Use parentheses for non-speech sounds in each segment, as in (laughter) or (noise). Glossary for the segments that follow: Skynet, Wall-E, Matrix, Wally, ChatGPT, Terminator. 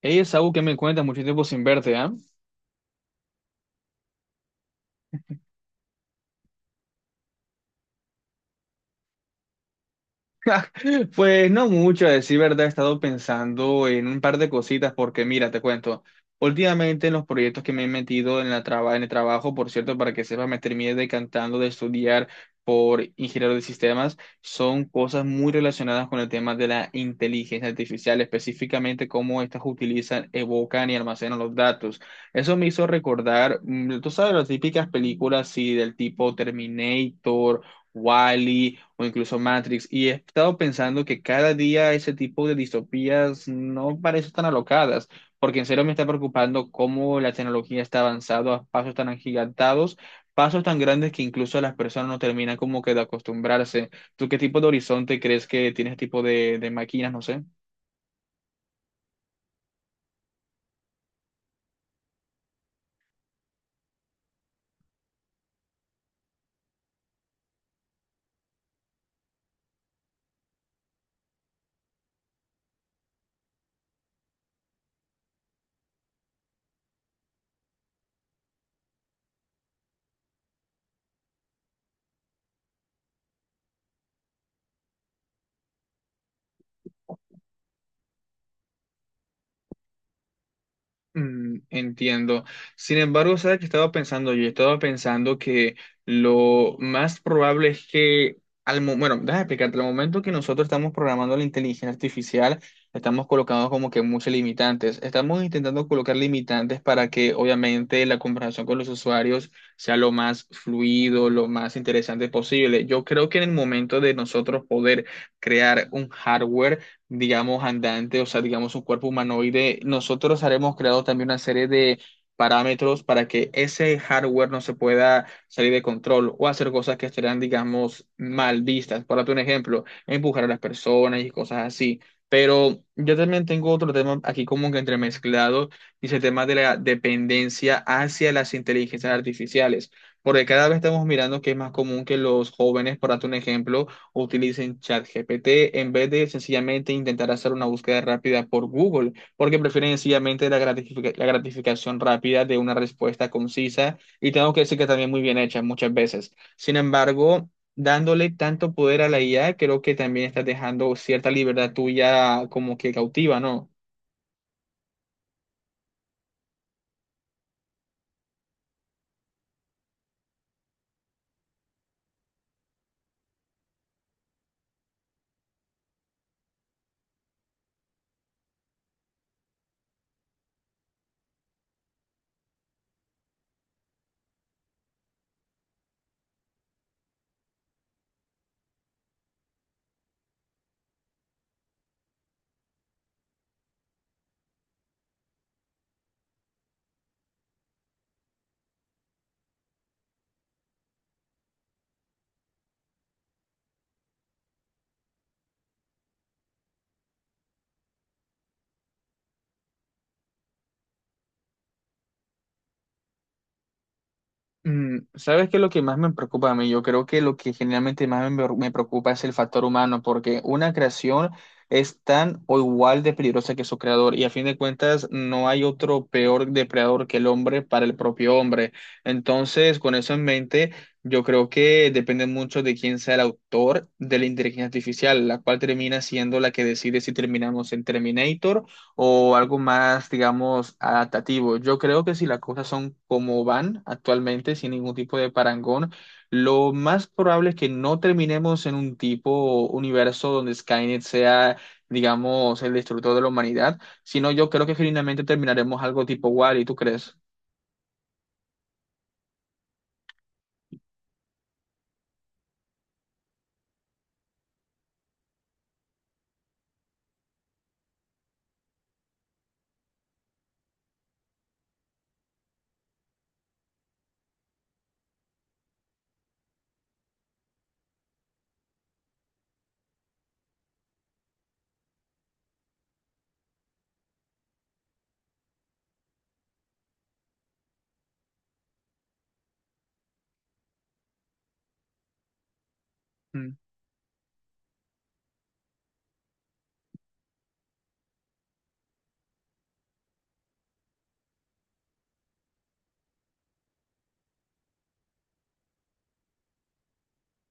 Ella es algo que me cuenta mucho tiempo sin verte, ¿ah? Pues no mucho, a decir verdad, he estado pensando en un par de cositas porque mira, te cuento, últimamente en los proyectos que me he metido en en el trabajo, por cierto, para que sepas, me terminé decantando de estudiar por ingeniero de sistemas, son cosas muy relacionadas con el tema de la inteligencia artificial, específicamente cómo estas utilizan, evocan y almacenan los datos. Eso me hizo recordar, tú sabes, las típicas películas, sí, del tipo Terminator, Wally o incluso Matrix. Y he estado pensando que cada día ese tipo de distopías no parecen tan alocadas, porque en serio me está preocupando cómo la tecnología está avanzando a pasos tan agigantados, pasos tan grandes que incluso las personas no terminan como que de acostumbrarse. ¿Tú qué tipo de horizonte crees que tiene este tipo de máquinas? No sé. Mm, entiendo. Sin embargo, ¿sabes qué estaba pensando yo? Estaba pensando que lo más probable es que, bueno, déjame explicarte, al momento que nosotros estamos programando la inteligencia artificial, estamos colocando como que muchos limitantes. Estamos intentando colocar limitantes para que, obviamente, la conversación con los usuarios sea lo más fluido, lo más interesante posible. Yo creo que en el momento de nosotros poder crear un hardware, digamos, andante, o sea, digamos, un cuerpo humanoide, nosotros haremos creado también una serie de parámetros para que ese hardware no se pueda salir de control o hacer cosas que estarán, digamos, mal vistas. Por darte un ejemplo, empujar a las personas y cosas así. Pero yo también tengo otro tema aquí como que entremezclado, y es el tema de la dependencia hacia las inteligencias artificiales, porque cada vez estamos mirando que es más común que los jóvenes, por darte un ejemplo, utilicen ChatGPT en vez de sencillamente intentar hacer una búsqueda rápida por Google, porque prefieren sencillamente la gratificación rápida de una respuesta concisa y tengo que decir que también muy bien hecha muchas veces. Sin embargo, dándole tanto poder a la IA, creo que también estás dejando cierta libertad tuya como que cautiva, ¿no? Mm, ¿sabes qué es lo que más me preocupa a mí? Yo creo que lo que generalmente más me preocupa es el factor humano, porque una creación es tan o igual de peligrosa que su creador, y a fin de cuentas no hay otro peor depredador que el hombre para el propio hombre. Entonces, con eso en mente, yo creo que depende mucho de quién sea el autor de la inteligencia artificial, la cual termina siendo la que decide si terminamos en Terminator o algo más, digamos, adaptativo. Yo creo que si las cosas son como van actualmente, sin ningún tipo de parangón, lo más probable es que no terminemos en un tipo universo donde Skynet sea, digamos, el destructor de la humanidad, sino yo creo que genuinamente terminaremos algo tipo Wall-E, ¿tú crees?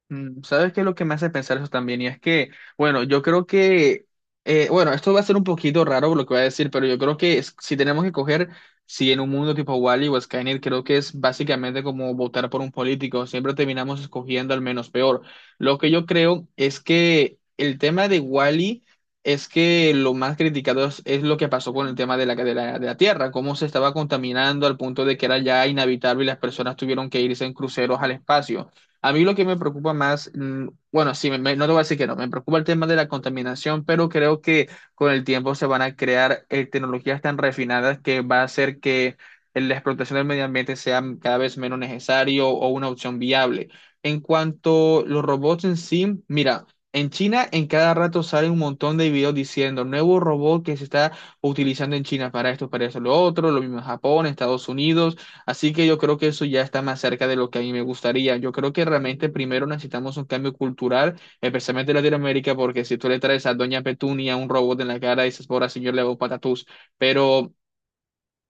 Mm, ¿sabes qué es lo que me hace pensar eso también? Y es que, bueno, yo creo que, bueno, esto va a ser un poquito raro lo que voy a decir, pero yo creo que si tenemos que coger, si en un mundo tipo Wall-E o Skynet, creo que es básicamente como votar por un político, siempre terminamos escogiendo al menos peor. Lo que yo creo es que el tema de Wall-E es que lo más criticado es lo que pasó con el tema de de la Tierra, cómo se estaba contaminando al punto de que era ya inhabitable y las personas tuvieron que irse en cruceros al espacio. A mí lo que me preocupa más, mm, bueno, sí, no te voy a decir que no, me preocupa el tema de la contaminación, pero creo que con el tiempo se van a crear tecnologías tan refinadas que va a hacer que la explotación del medio ambiente sea cada vez menos necesario o una opción viable. En cuanto a los robots en sí, mira, en China en cada rato sale un montón de videos diciendo nuevo robot que se está utilizando en China para esto, para eso, lo otro, lo mismo en Japón, Estados Unidos. Así que yo creo que eso ya está más cerca de lo que a mí me gustaría. Yo creo que realmente primero necesitamos un cambio cultural, especialmente en Latinoamérica, porque si tú le traes a Doña Petunia un robot en la cara, dices, por señor, le hago patatús. Pero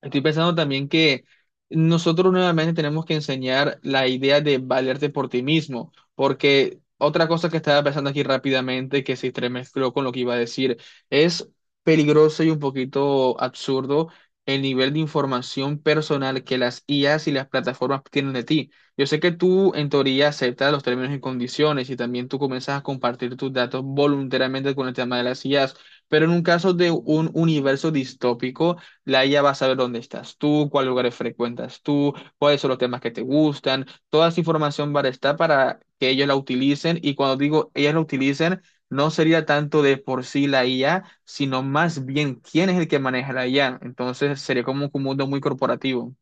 estoy pensando también que nosotros nuevamente tenemos que enseñar la idea de valerte por ti mismo, porque otra cosa que estaba pensando aquí rápidamente, que se entremezcló con lo que iba a decir, es peligroso y un poquito absurdo el nivel de información personal que las IAs y las plataformas tienen de ti. Yo sé que tú en teoría aceptas los términos y condiciones y también tú comienzas a compartir tus datos voluntariamente con el tema de las IAs, pero en un caso de un universo distópico, la IA va a saber dónde estás tú, cuáles lugares frecuentas tú, cuáles son los temas que te gustan. Toda esa información va a estar para que ellos la utilicen. Y cuando digo ellos la utilicen, no sería tanto de por sí la IA, sino más bien quién es el que maneja la IA. Entonces sería como un mundo muy corporativo.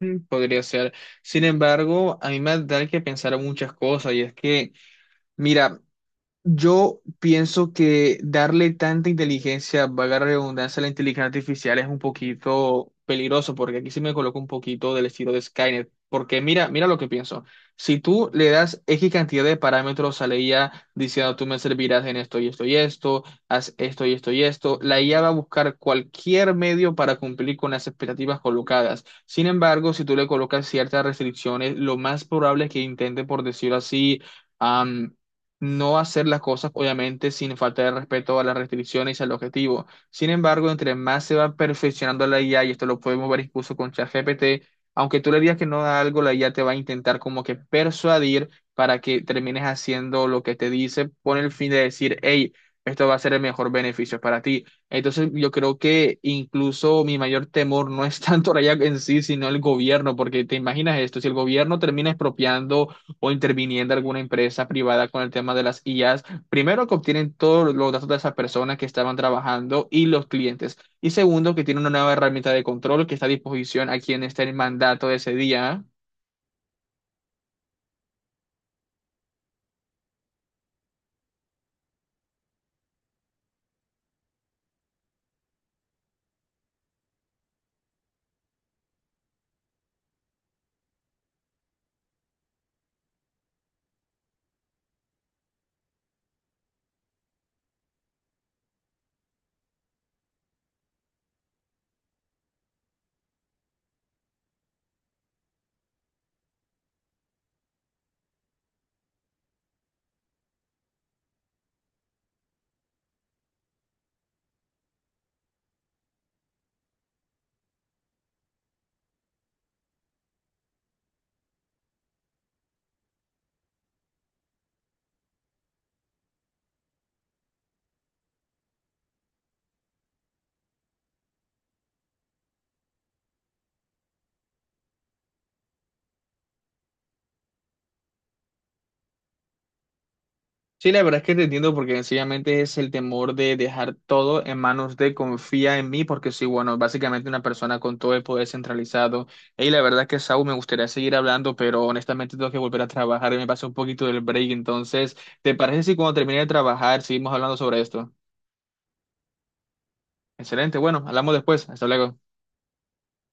Mm, podría ser. Sin embargo, a mí me da que pensar en muchas cosas y es que, mira, yo pienso que darle tanta inteligencia, valga la redundancia, a la inteligencia artificial es un poquito peligroso, porque aquí sí me coloco un poquito del estilo de Skynet. Porque mira, mira lo que pienso. Si tú le das X cantidad de parámetros a la IA diciendo tú me servirás en esto y esto y esto, haz esto y esto y esto, la IA va a buscar cualquier medio para cumplir con las expectativas colocadas. Sin embargo, si tú le colocas ciertas restricciones, lo más probable es que intente, por decirlo así, no hacer las cosas, obviamente, sin falta de respeto a las restricciones y al objetivo. Sin embargo, entre más se va perfeccionando la IA, y esto lo podemos ver incluso con ChatGPT, aunque tú le digas que no da algo, la IA te va a intentar como que persuadir para que termines haciendo lo que te dice con el fin de decir, hey, esto va a ser el mejor beneficio para ti. Entonces, yo creo que incluso mi mayor temor no es (laughs) tanto la IA en sí, sino el gobierno, porque te imaginas esto, si el gobierno termina expropiando o interviniendo alguna empresa privada con el tema de las IAs, primero que obtienen todos los datos de esas personas que estaban trabajando y los clientes, y segundo que tienen una nueva herramienta de control que está a disposición a quien esté en mandato de ese día. Sí, la verdad es que te entiendo porque sencillamente es el temor de dejar todo en manos de confía en mí, porque soy, bueno, básicamente una persona con todo el poder centralizado. Y la verdad es que, Saúl, me gustaría seguir hablando, pero honestamente tengo que volver a trabajar y me pasó un poquito del break. Entonces, ¿te parece si cuando termine de trabajar seguimos hablando sobre esto? Excelente, bueno, hablamos después. Hasta luego.